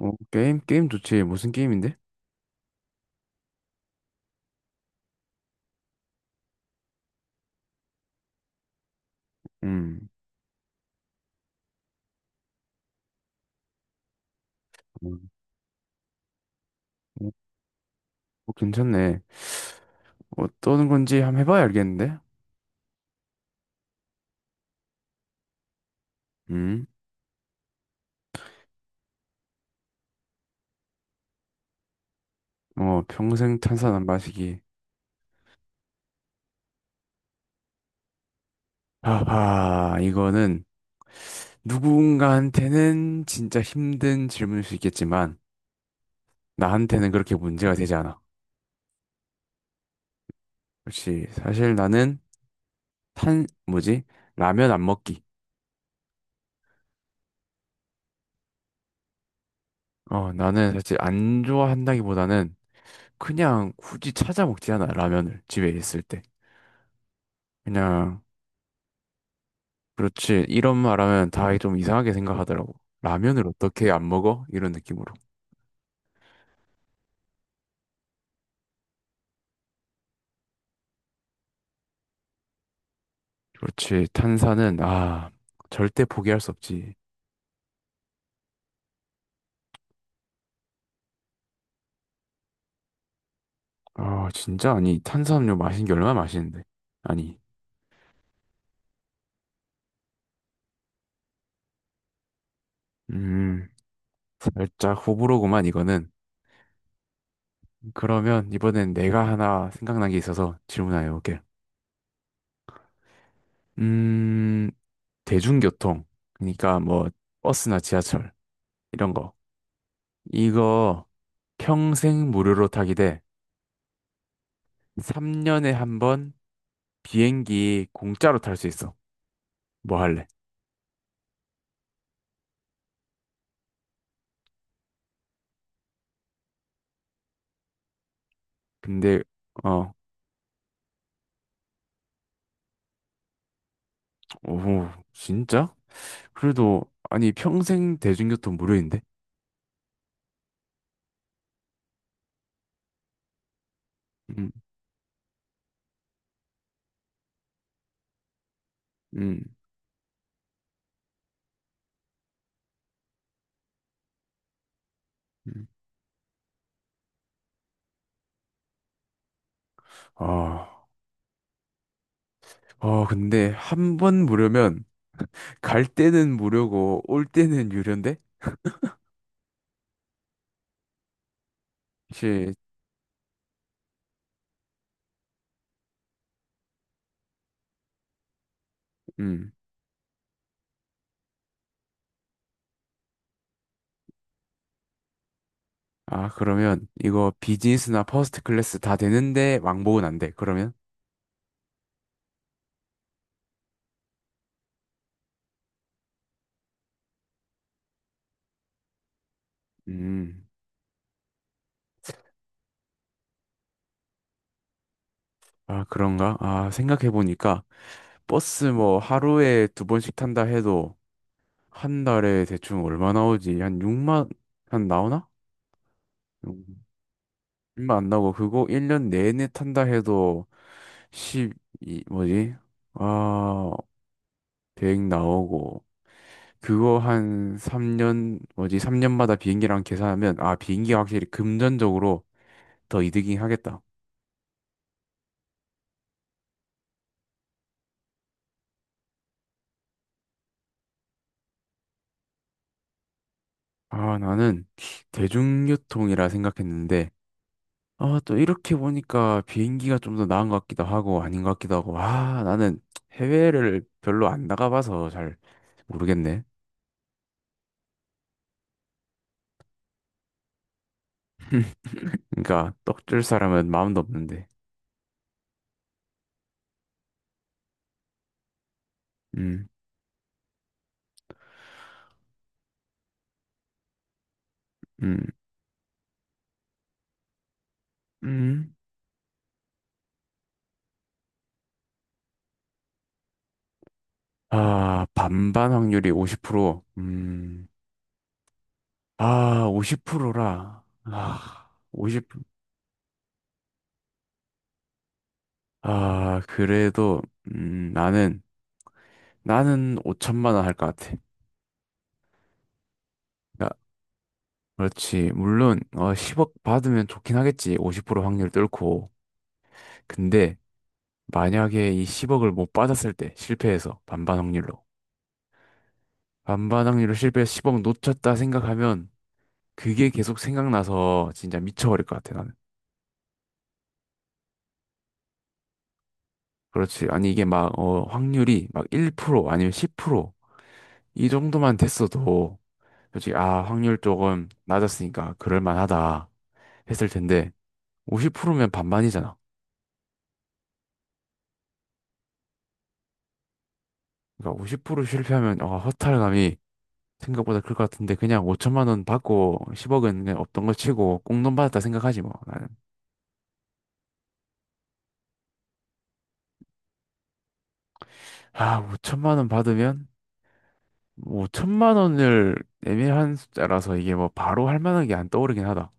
게임, 게임 좋지. 무슨 게임인데? 음, 음, 음, 괜찮네. 어떤 건지 한번 해봐야 알겠는데? 음, 평생 탄산 안 마시기. 하하, 이거는 누군가한테는 진짜 힘든 질문일 수 있겠지만, 나한테는 그렇게 문제가 되지 않아. 그렇지. 사실 나는 뭐지? 라면 안 먹기. 나는 사실 안 좋아한다기보다는 그냥 굳이 찾아 먹지 않아, 라면을. 집에 있을 때. 그냥, 그렇지. 이런 말하면 다 좀 이상하게 생각하더라고. 라면을 어떻게 안 먹어? 이런 느낌으로. 그렇지. 탄산은, 절대 포기할 수 없지. 아, 진짜? 아니, 탄산음료 마신 게 얼마나 맛있는데. 아니, 음, 살짝 호불호구만, 이거는. 그러면 이번엔 내가 하나 생각난 게 있어서 질문해 볼게. 음, 대중교통. 그러니까 뭐, 버스나 지하철. 이런 거. 이거 평생 무료로 타기 대 3년에 한 번, 비행기 공짜로 탈 수 있어. 뭐 할래? 근데, 어, 오, 진짜? 그래도 아니 평생 대중교통 무료인데? 음, 음, 음. 아, 근데 한 번 무료면 갈 때는 무료고 올 때는 유료인데? 혹시, 음, 그러면 이거 비즈니스나 퍼스트 클래스 다 되는데 왕복은 안 돼. 그러면? 음, 아 그런가? 아 생각해 보니까 버스 뭐 하루에 두 번씩 탄다 해도 한 달에 대충 얼마 나오지? 한 6만 한 나오나? 6만 안 나오고 그거 1년 내내 탄다 해도 1이 뭐지? 아, 100 나오고 그거 한 3년 뭐지? 3년마다 비행기랑 계산하면 아, 비행기가 확실히 금전적으로 더 이득이 하겠다. 아, 나는 대중교통이라 생각했는데 아, 또 이렇게 보니까 비행기가 좀 더 나은 것 같기도 하고 아닌 것 같기도 하고. 아, 나는 해외를 별로 안 나가봐서 잘 모르겠네. 그러니까 떡줄 사람은 마음도 없는데. 음, 음, 음. 아, 반반 확률이 50%. 아, 50%라. 아, 50. 아, 그래도 음, 나는 나는 5천만 원 할 것 같아. 그러니까 그렇지. 물론 10억 받으면 좋긴 하겠지. 50% 확률 뚫고. 근데 만약에 이 10억을 못 받았을 때 실패해서 반반 확률로 실패해서 10억 놓쳤다 생각하면 그게 계속 생각나서 진짜 미쳐버릴 것 같아 나는. 그렇지. 아니 이게 막 확률이 막 1% 아니면 10%이 정도만 됐어도 솔직히 아 확률 조금 낮았으니까 그럴 만하다 했을 텐데 50%면 반반이잖아. 그러니까 50% 실패하면 허탈감이 생각보다 클 것 같은데 그냥 5천만 원 받고 10억은 그냥 없던 걸 치고 꽁돈 받았다 생각하지 뭐 나는. 아 5천만 원 받으면 5천만 원을 애매한 숫자라서 이게 뭐 바로 할 만한 게 안 떠오르긴 하다.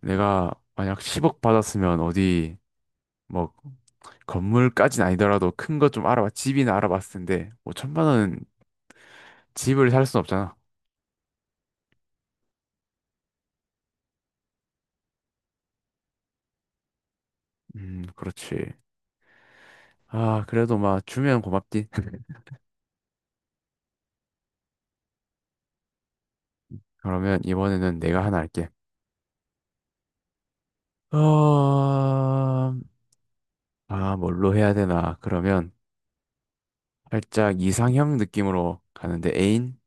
내가 만약 10억 받았으면 어디 뭐 건물까진 아니더라도 큰 거 좀 알아봐 집이나 알아봤을 텐데 5천만 원은 집을 살 순 없잖아. 그렇지. 아 그래도 막 주면 고맙지. 그러면 이번에는 내가 하나 할게. 어... 아, 뭘로 해야 되나? 그러면 살짝 이상형 느낌으로 가는데 애인?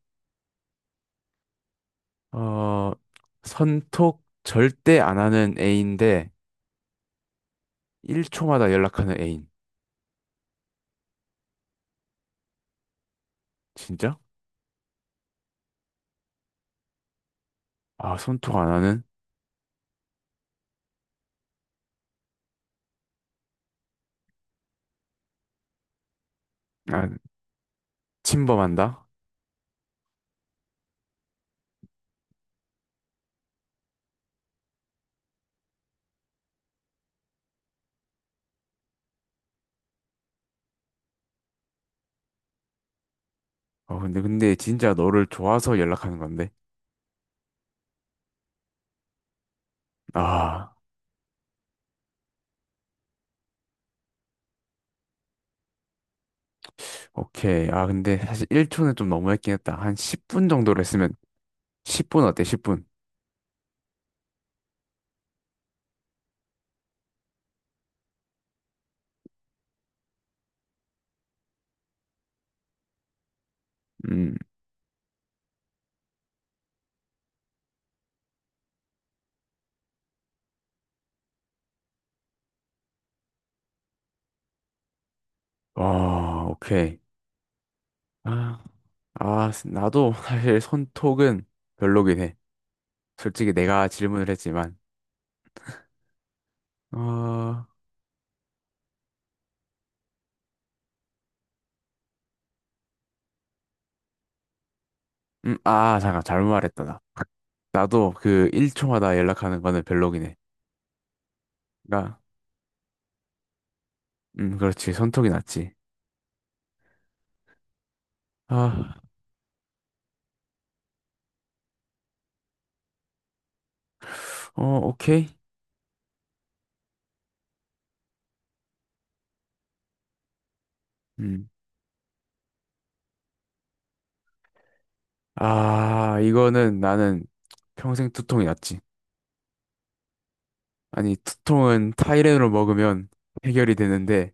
어, 선톡 절대 안 하는 애인데 1초마다 연락하는 애인. 진짜? 아, 선톡 안 하는? 아, 침범한다? 근데 진짜 너를 좋아서 연락하는 건데. 아, 오케이. 아, 근데 사실 1초는 좀 너무했긴 했다. 한 10분 정도로 했으면 10분 어때? 10분. 음. 아, 오케이. 아, 아, 나도 사실 손톡은 별로긴 해. 솔직히 내가 질문을 했지만, 어, 아, 잠깐, 잘못 말했다, 나. 나도 그 1초마다 연락하는 거는 별로긴 해. 그러니까, 그렇지, 손톱이 낫지. 아, 어, 오케이. 음, 아, 이거는 나는 평생 두통이 낫지. 아니, 두통은 타이레놀 먹으면 해결이 되는데,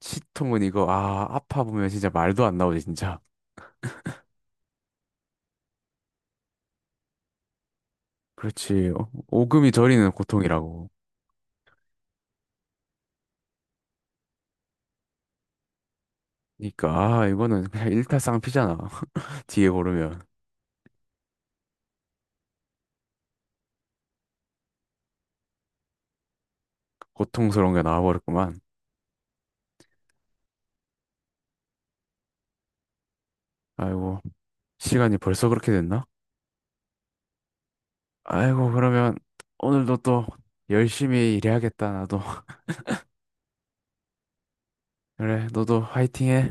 치통은 이거, 아, 아파 보면 진짜 말도 안 나오지, 진짜. 그렇지, 오금이 저리는 고통이라고. 그러니까, 아, 이거는 그냥 일타쌍피잖아. 뒤에 고르면. 고통스러운 게 나와버렸구만. 아이고, 시간이 벌써 그렇게 됐나? 아이고, 그러면 오늘도 또 열심히 일해야겠다, 나도. 그래, 너도 화이팅해.